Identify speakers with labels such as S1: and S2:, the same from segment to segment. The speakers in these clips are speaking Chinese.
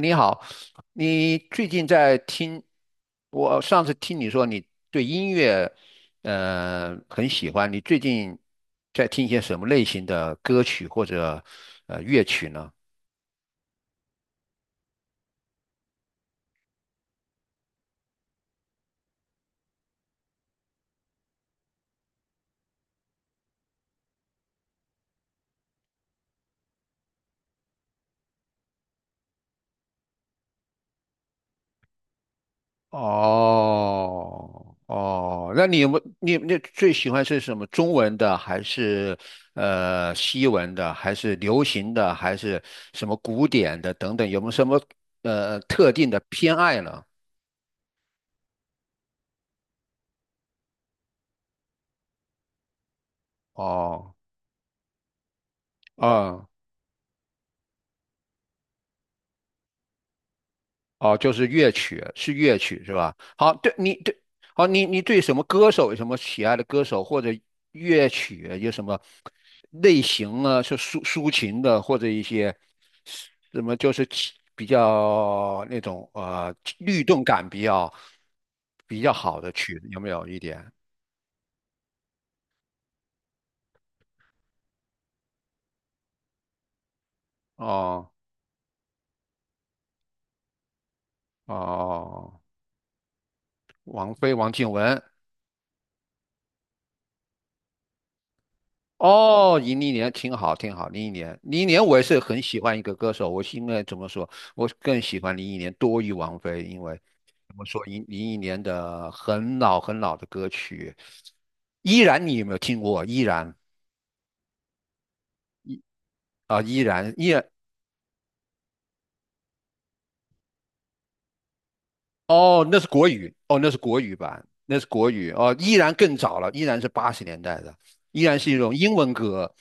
S1: 你好，你最近在听？我上次听你说你对音乐，很喜欢。你最近在听一些什么类型的歌曲或者乐曲呢？哦哦，那你有没你你那最喜欢是什么？中文的还是西文的，还是流行的，还是什么古典的等等？有没有什么特定的偏爱呢？哦，嗯。哦，就是乐曲，是乐曲是吧？好，对你对，好，你对什么歌手有什么喜爱的歌手或者乐曲有什么类型啊？是抒情的，或者一些什么就是起比较那种律动感比较好的曲子，有没有一点？哦哦，王菲、王静雯。哦，林忆莲，挺好，挺好。林忆莲，林忆莲，我也是很喜欢一个歌手，我是因为怎么说，我更喜欢林忆莲多于王菲，因为怎么说，林忆莲的很老很老的歌曲，依然，你有没有听过？依然啊，依然。哦，那是国语，哦，那是国语版，那是国语，哦，依然更早了，依然是80年代的，依然是一种英文歌，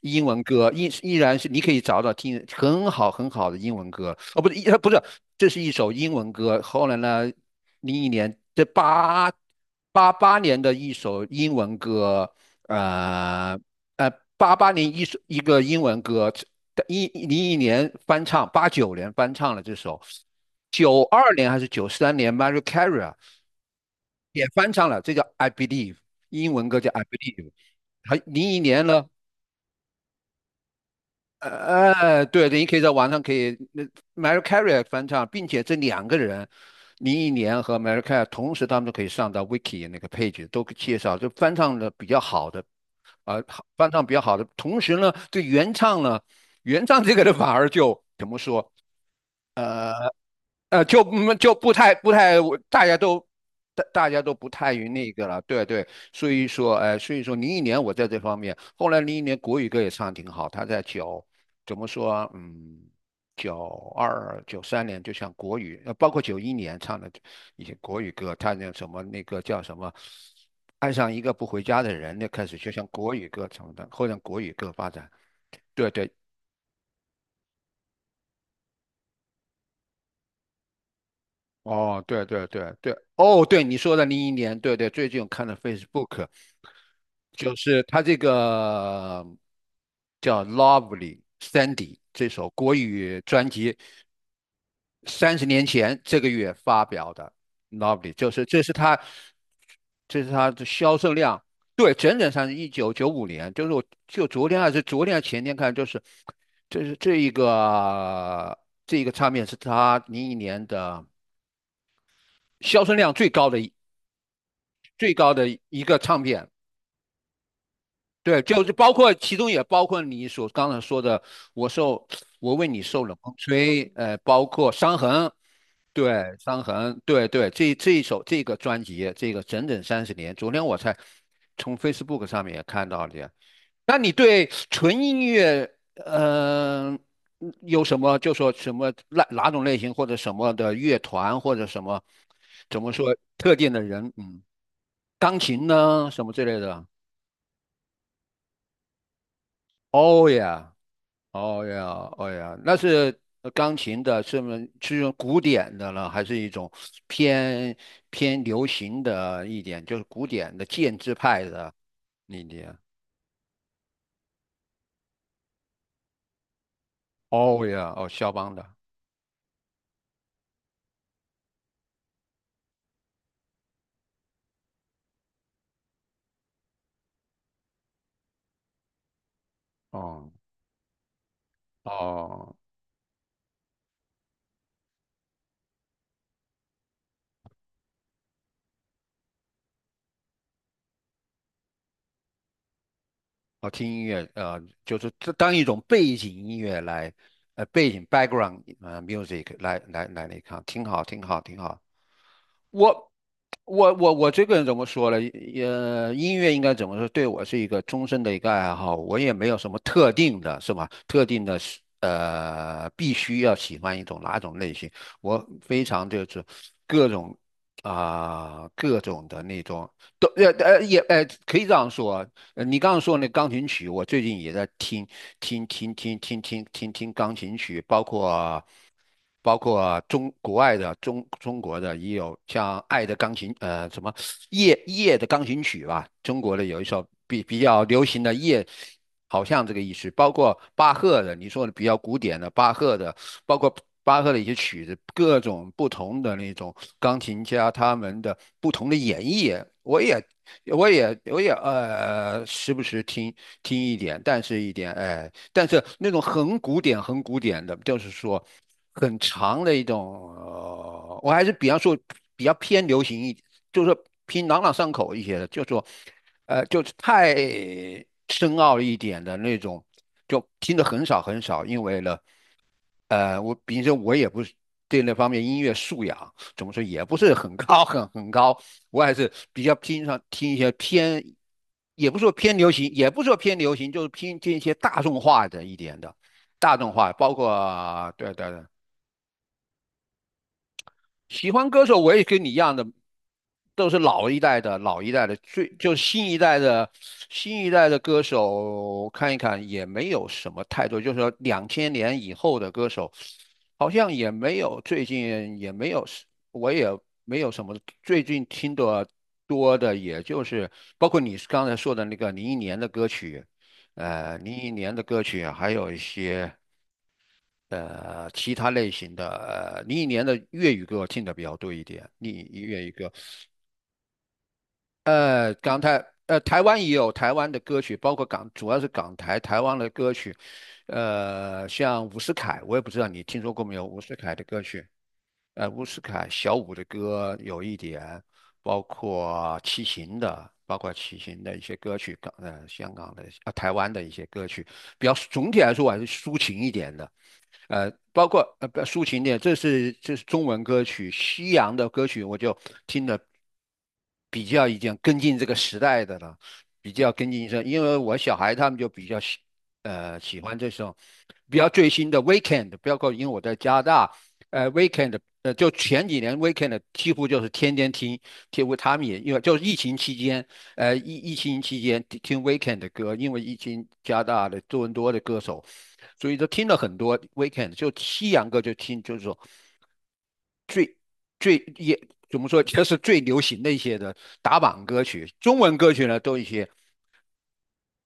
S1: 英文歌，依然是你可以找听很好很好的英文歌，哦，不是，这是一首英文歌，后来呢，零一年这八八年的一首英文歌，呃呃，八八年一个英文歌，101年翻唱，89年翻唱了这首，92年还是九三年 m a r i a Carey 啊也翻唱了，这叫《I Believe》，英文歌叫《I Believe》。还零一年呢，对对，你可以在网上可以那 m a r i a Carey 翻唱，并且这两个人，零一年和 m a r i a Carey 同时他们都可以上到 Wiki 那个 page 都介绍，就翻唱的比较好的，呃，翻唱比较好的，同时呢，这原唱呢，原唱这个的反而就怎么说？呃。就就不太，大家都大家都不太于那个了，对对，所以说，所以说零一年我在这方面，后来零一年国语歌也唱得挺好，他在怎么说92、93年，就像国语，包括91年唱的一些国语歌，他那什么那个叫什么，爱上一个不回家的人，那开始就像国语歌成的，后来国语歌发展，对对，哦，对对对对，哦，对你说的零一年，对对，最近我看了 Facebook，就是他这个叫《Lovely Sandy》这首国语专辑，30年前这个月发表的《Lovely》，就是这是他，的销售量，对，整整上是1995年，就是我就昨天还是前天看，就是这是这一个这一个唱片是他零一年的销售量最高的。最高的一个唱片。对，就是包括其中也包括你所刚才说的，我受我为你受冷风吹，包括伤痕，对，伤痕，对对，这一首这个专辑，这个整整三十年，昨天我才从 Facebook 上面也看到的。那你对纯音乐，嗯，有什么就说什么哪种类型或者什么的乐团或者什么怎么说特定的人，钢琴呢什么之类的？哦呀，哦呀，哦呀，那是钢琴的，是吗？是用古典的了，还是一种偏偏流行的一点，就是古典的建制派的那点？哦呀，哦，肖邦的，哦哦哦，听音乐，就是这当一种背景音乐来，背景 background music 来那看，挺好，挺好，挺好。我我这个人怎么说呢？音乐应该怎么说？对我是一个终身的一个爱好，我也没有什么特定的，是吧？特定的是，必须要喜欢一种哪种类型，我非常就是各种啊、各种的那种都也可以这样说，你刚刚说那钢琴曲，我最近也在听钢琴曲，包括中国外的中国的也有像《爱的钢琴》什么夜的钢琴曲吧，中国的有一首比较流行的夜，好像这个意思，包括巴赫的，你说的比较古典的巴赫的，包括。巴赫的一些曲子，各种不同的那种钢琴家他们的不同的演绎，我也时不时听一点，但是一点哎，但是那种很古典、很古典的，就是说很长的一种，我还是比方说比较偏流行一，就是说偏朗朗上口一些的，就是说就是太深奥一点的那种，就听得很少很少，因为呢。我比如说，我也不是对那方面音乐素养怎么说也不是很高很高，我还是比较偏上听一些偏，也不说偏流行，也不说偏流行，就是偏听一些大众化的一点的，大众化，包括对对对。喜欢歌手我也跟你一样的，都是老一代的老一代的，就是新一代的歌手看一看也没有什么太多，就是说2000年以后的歌手好像也没有，最近也没有，我也没有什么最近听的多的，也就是包括你刚才说的那个零一年的歌曲，零一年的歌曲，还有一些。其他类型的，零一年的粤语歌我听的比较多一点，粤语歌，港台，台湾也有台湾的歌曲，包括港，主要是港台台湾的歌曲，像伍思凯，我也不知道你听说过没有，伍思凯的歌曲，伍思凯、小五的歌有一点，包括齐秦的。包括齐秦的一些歌曲，香港的啊台湾的一些歌曲，比较总体来说我还是抒情一点的。包括不抒情的，这是中文歌曲，西洋的歌曲我就听的比较已经跟进这个时代的了，比较跟进一这，因为我小孩他们就比较喜欢这种比较最新的 Weekend，包括因为我在加拿大，Weekend 就前几年 Weekend 几乎就是天天听，几乎他们也因为就是疫情期间疫情期间听 Weekend 的歌，因为疫情加大的多伦多的歌手，所以就听了很多 Weekend，就西洋歌就听，就是说最也怎么说，就是最流行的一些的打榜歌曲。中文歌曲呢，都一些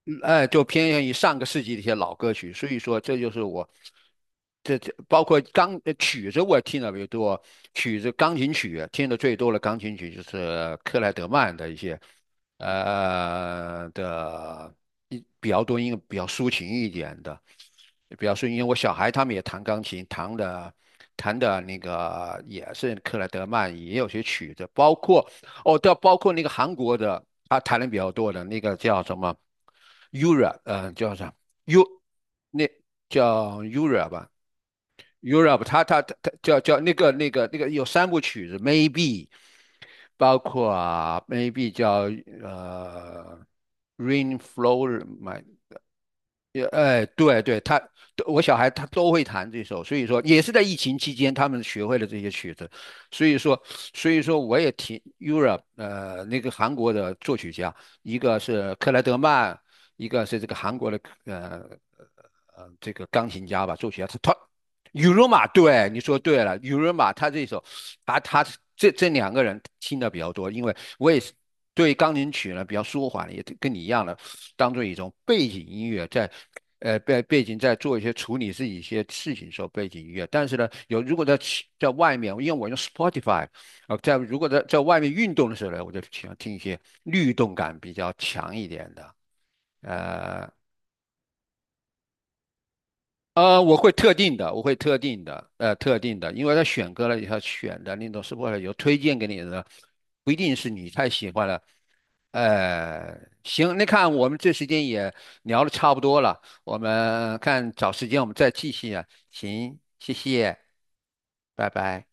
S1: 嗯哎，就偏向于上个世纪的一些老歌曲，所以说这就是我，这包括曲子我听的比较多，曲子钢琴曲听的最多的钢琴曲就是克莱德曼的一些，呃的一比较多，因为比较抒情一点的，比较抒情。因为我小孩他们也弹钢琴，弹的那个也是克莱德曼，也有些曲子，包括。哦，对啊，包括那个韩国的，他谈的比较多的那个叫什么 Europe，叫啥 U，那叫 Europe 吧，Europe，他叫那个有三部曲子，Maybe，包括啊 Maybe 叫呃 Rain Flow My， 也哎，对对，他我小孩他都会弹这首，所以说也是在疫情期间他们学会了这些曲子，所以说所以说我也听 Europe 那个韩国的作曲家，一个是克莱德曼，一个是这个韩国的这个钢琴家吧，作曲家，他雨柔马，对，你说对了，雨柔马他这首，把他这两个人听的比较多，因为我也是对钢琴曲呢比较舒缓，也跟你一样的，当做一种背景音乐在。背景在做一些处理自己一些事情的时候，背景音乐。但是呢，如果在外面，因为我用 Spotify，在如果在外面运动的时候呢，我就喜欢听一些律动感比较强一点的。呃，我会特定的，我会特定的，特定的，因为他选歌了以后选的那种是或者有推荐给你的，不一定是你太喜欢了。呃，行，那看我们这时间也聊的差不多了，我们看找时间我们再继续啊。行，谢谢，拜拜。